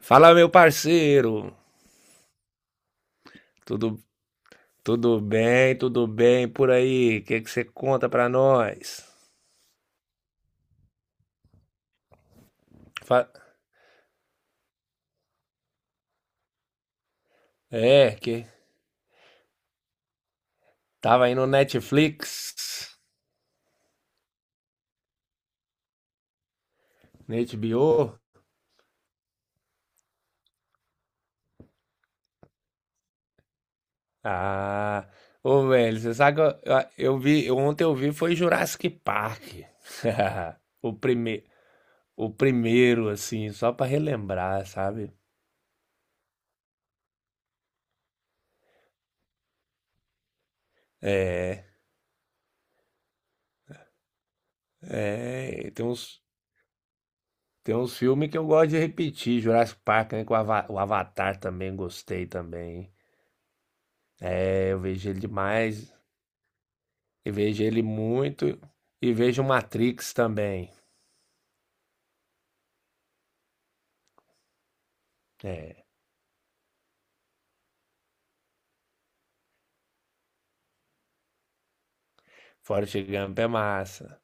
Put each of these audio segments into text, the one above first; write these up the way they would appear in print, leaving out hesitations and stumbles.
Fala, meu parceiro. Tudo, tudo bem por aí? O que que você conta pra nós? Fa- É, que tava aí no Netflix, na HBO. Ah, ô velho, você sabe que ontem eu vi foi Jurassic Park. O primeiro, o primeiro assim, só pra relembrar, sabe? É, é, tem uns filmes que eu gosto de repetir, Jurassic Park, né? O Avatar também gostei também. É, eu vejo ele demais, eu vejo ele muito e vejo Matrix também. É, Forrest Gump é massa.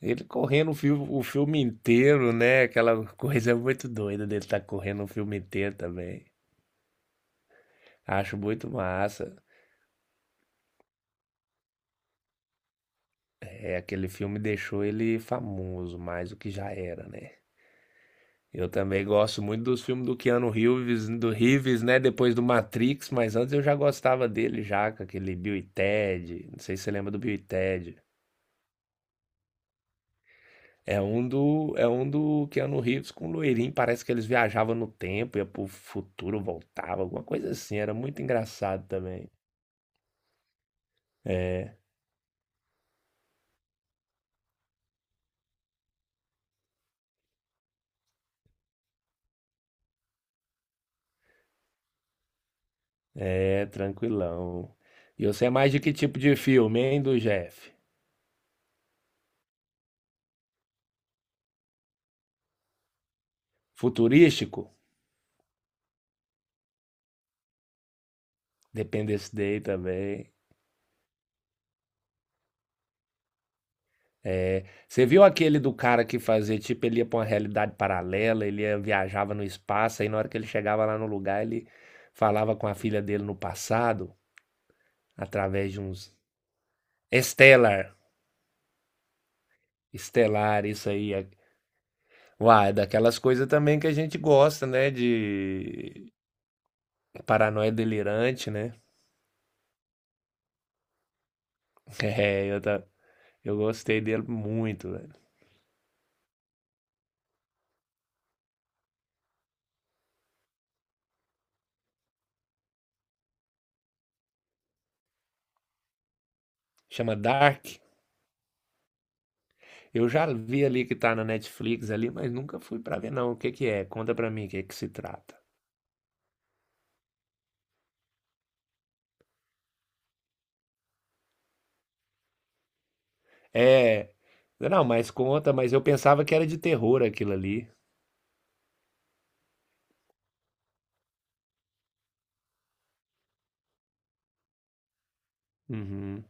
Ele correndo o filme inteiro, né? Aquela coisa muito doida dele estar correndo o filme inteiro também. Acho muito massa. É, aquele filme deixou ele famoso, mais do que já era, né? Eu também gosto muito dos filmes do Keanu Reeves, do Reeves, né? Depois do Matrix, mas antes eu já gostava dele já, com aquele Bill e Ted. Não sei se você lembra do Bill e Ted. É um do Keanu Reeves com o loirinho. Parece que eles viajavam no tempo, ia pro futuro, voltava, alguma coisa assim. Era muito engraçado também. É, é, tranquilão. E você é mais de que tipo de filme, hein, do Jeff? Futurístico? Dependence Day também. É, você viu aquele do cara que fazia, tipo, ele ia pra uma realidade paralela, viajava no espaço, aí na hora que ele chegava lá no lugar, ele falava com a filha dele no passado, através de uns Stellar, Estelar, isso aí. É... Uai, é daquelas coisas também que a gente gosta, né? De paranoia delirante, né? É, eu gostei dele muito, velho. Chama Dark. Eu já vi ali que tá na Netflix ali, mas nunca fui pra ver, não. O que que é? Conta pra mim o que que se trata. É. Não, mas conta, mas eu pensava que era de terror aquilo ali. Uhum.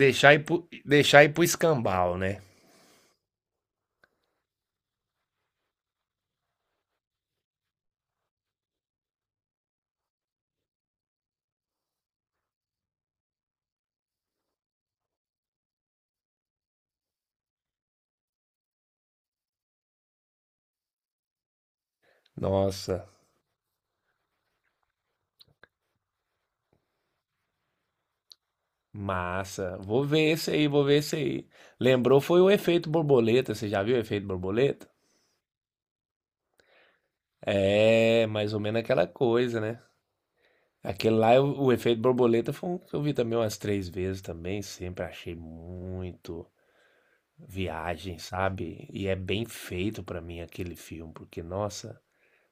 Deixar ir pro escambau, né? Nossa, massa. Vou ver esse aí, vou ver esse aí. Lembrou foi o efeito borboleta, você já viu o efeito borboleta? É, mais ou menos aquela coisa, né? Aquele lá, o efeito borboleta foi um que eu vi também umas três vezes também, sempre achei muito viagem, sabe? E é bem feito pra mim aquele filme, porque, nossa,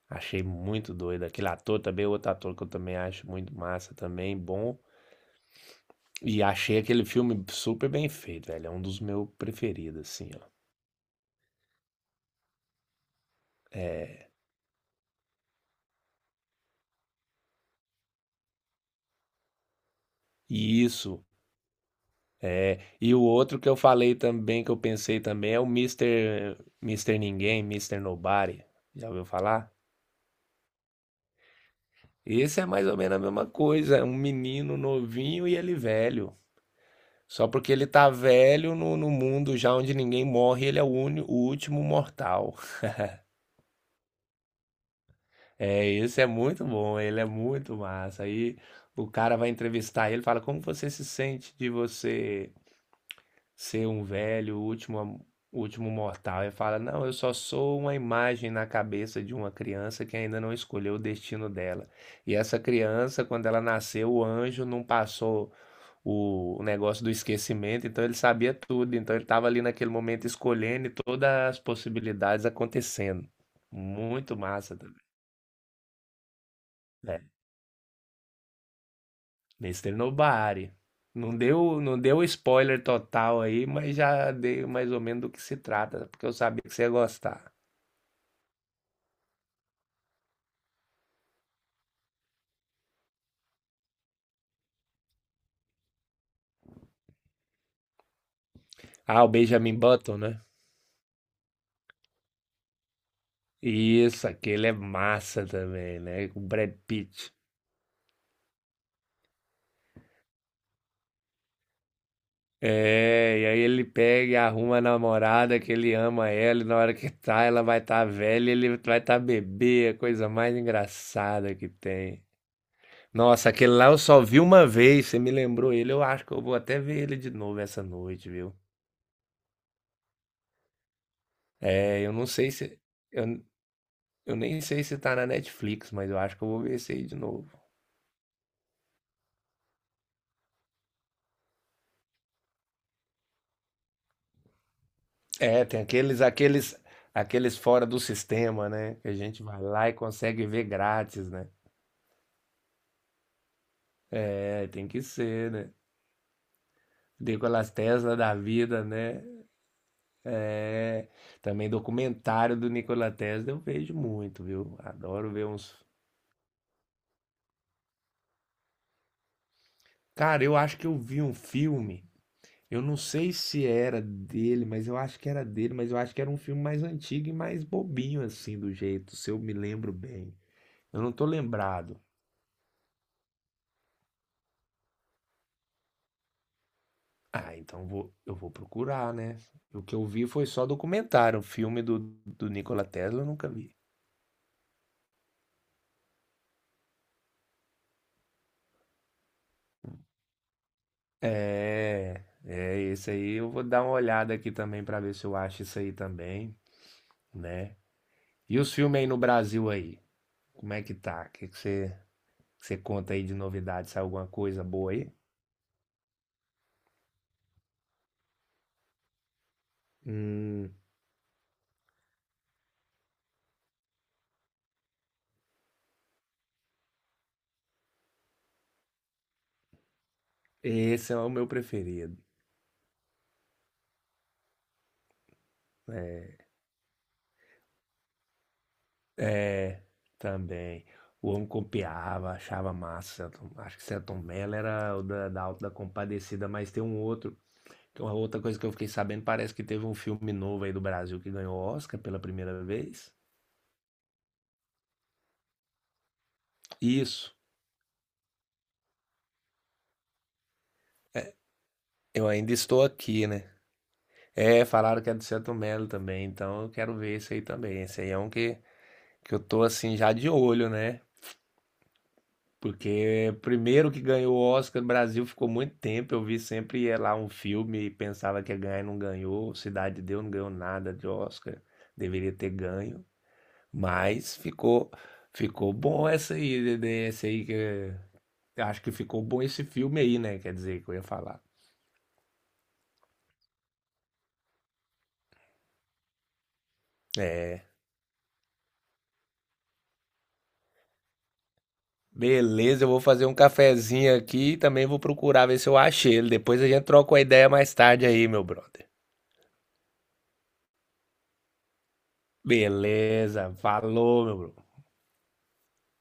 achei muito doido. Aquele ator também, outro ator que eu também acho muito massa também, bom. E achei aquele filme super bem feito, velho. É um dos meus preferidos, assim, ó. É, e isso. É, e o outro que eu falei também, que eu pensei também, é o Mister Ninguém, Mister Nobody. Já ouviu falar? Esse é mais ou menos a mesma coisa. É um menino novinho e ele velho. Só porque ele tá velho no mundo já onde ninguém morre, ele é o último mortal. É, esse é muito bom, ele é muito massa. Aí o cara vai entrevistar ele, fala: "Como você se sente de você ser um velho, o último mortal?" Ele fala: "Não, eu só sou uma imagem na cabeça de uma criança que ainda não escolheu o destino dela. E essa criança, quando ela nasceu, o anjo não passou o negócio do esquecimento, então ele sabia tudo, então ele estava ali naquele momento escolhendo e todas as possibilidades acontecendo. Muito massa também. Mister Nobari. Não deu spoiler total aí, mas já dei mais ou menos do que se trata, porque eu sabia que você ia gostar. Ah, o Benjamin Button, né? Isso, aquele é massa também, né? O Brad Pitt. É, e aí ele pega e arruma a namorada que ele ama ela, e na hora que tá, ela vai estar tá velha, ele vai estar tá bebê, é a coisa mais engraçada que tem. Nossa, aquele lá eu só vi uma vez, você me lembrou ele, eu acho que eu vou até ver ele de novo essa noite, viu? É, eu não sei se. Eu, eu nem sei se tá na Netflix, mas eu acho que eu vou ver esse aí de novo. É, tem aqueles fora do sistema, né? Que a gente vai lá e consegue ver grátis, né? É, tem que ser, né? Nikolas Tesla da vida, né? Também documentário do Nikola Tesla eu vejo muito, viu? Adoro ver uns. Cara, eu acho que eu vi um filme. Eu não sei se era dele, mas eu acho que era dele, mas eu acho que era um filme mais antigo e mais bobinho assim do jeito, se eu me lembro bem. Eu não tô lembrado. Ah, então eu vou procurar, né? O que eu vi foi só documentário, o filme do Nikola Tesla eu nunca vi. É, é esse aí eu vou dar uma olhada aqui também pra ver se eu acho isso aí também, né? E os filmes aí no Brasil aí, como é que tá? O que que você conta aí de novidade? Saiu alguma coisa boa aí? Hum. Esse é o meu preferido. Né? É, também. O homem copiava, achava massa. Acho que Selton Mello era o da Alta da Compadecida, mas tem um outro. Que é Uma outra coisa que eu fiquei sabendo, parece que teve um filme novo aí do Brasil que ganhou Oscar pela primeira vez. Isso. Eu ainda estou aqui, né? É, falaram que é do Selton Mello também, então eu quero ver esse aí também. Esse aí é um que, eu tô assim já de olho, né? Porque primeiro que ganhou o Oscar no Brasil ficou muito tempo. Eu vi sempre ia lá um filme e pensava que ia ganhar e não ganhou. Cidade de Deus não ganhou nada de Oscar. Deveria ter ganho. Mas ficou bom essa aí, Dedé, essa aí que acho que ficou bom esse filme aí, né? Quer dizer, que eu ia falar. Beleza, eu vou fazer um cafezinho aqui e também vou procurar ver se eu achei ele. Depois a gente troca uma ideia mais tarde aí, meu brother. Beleza, falou, meu brother.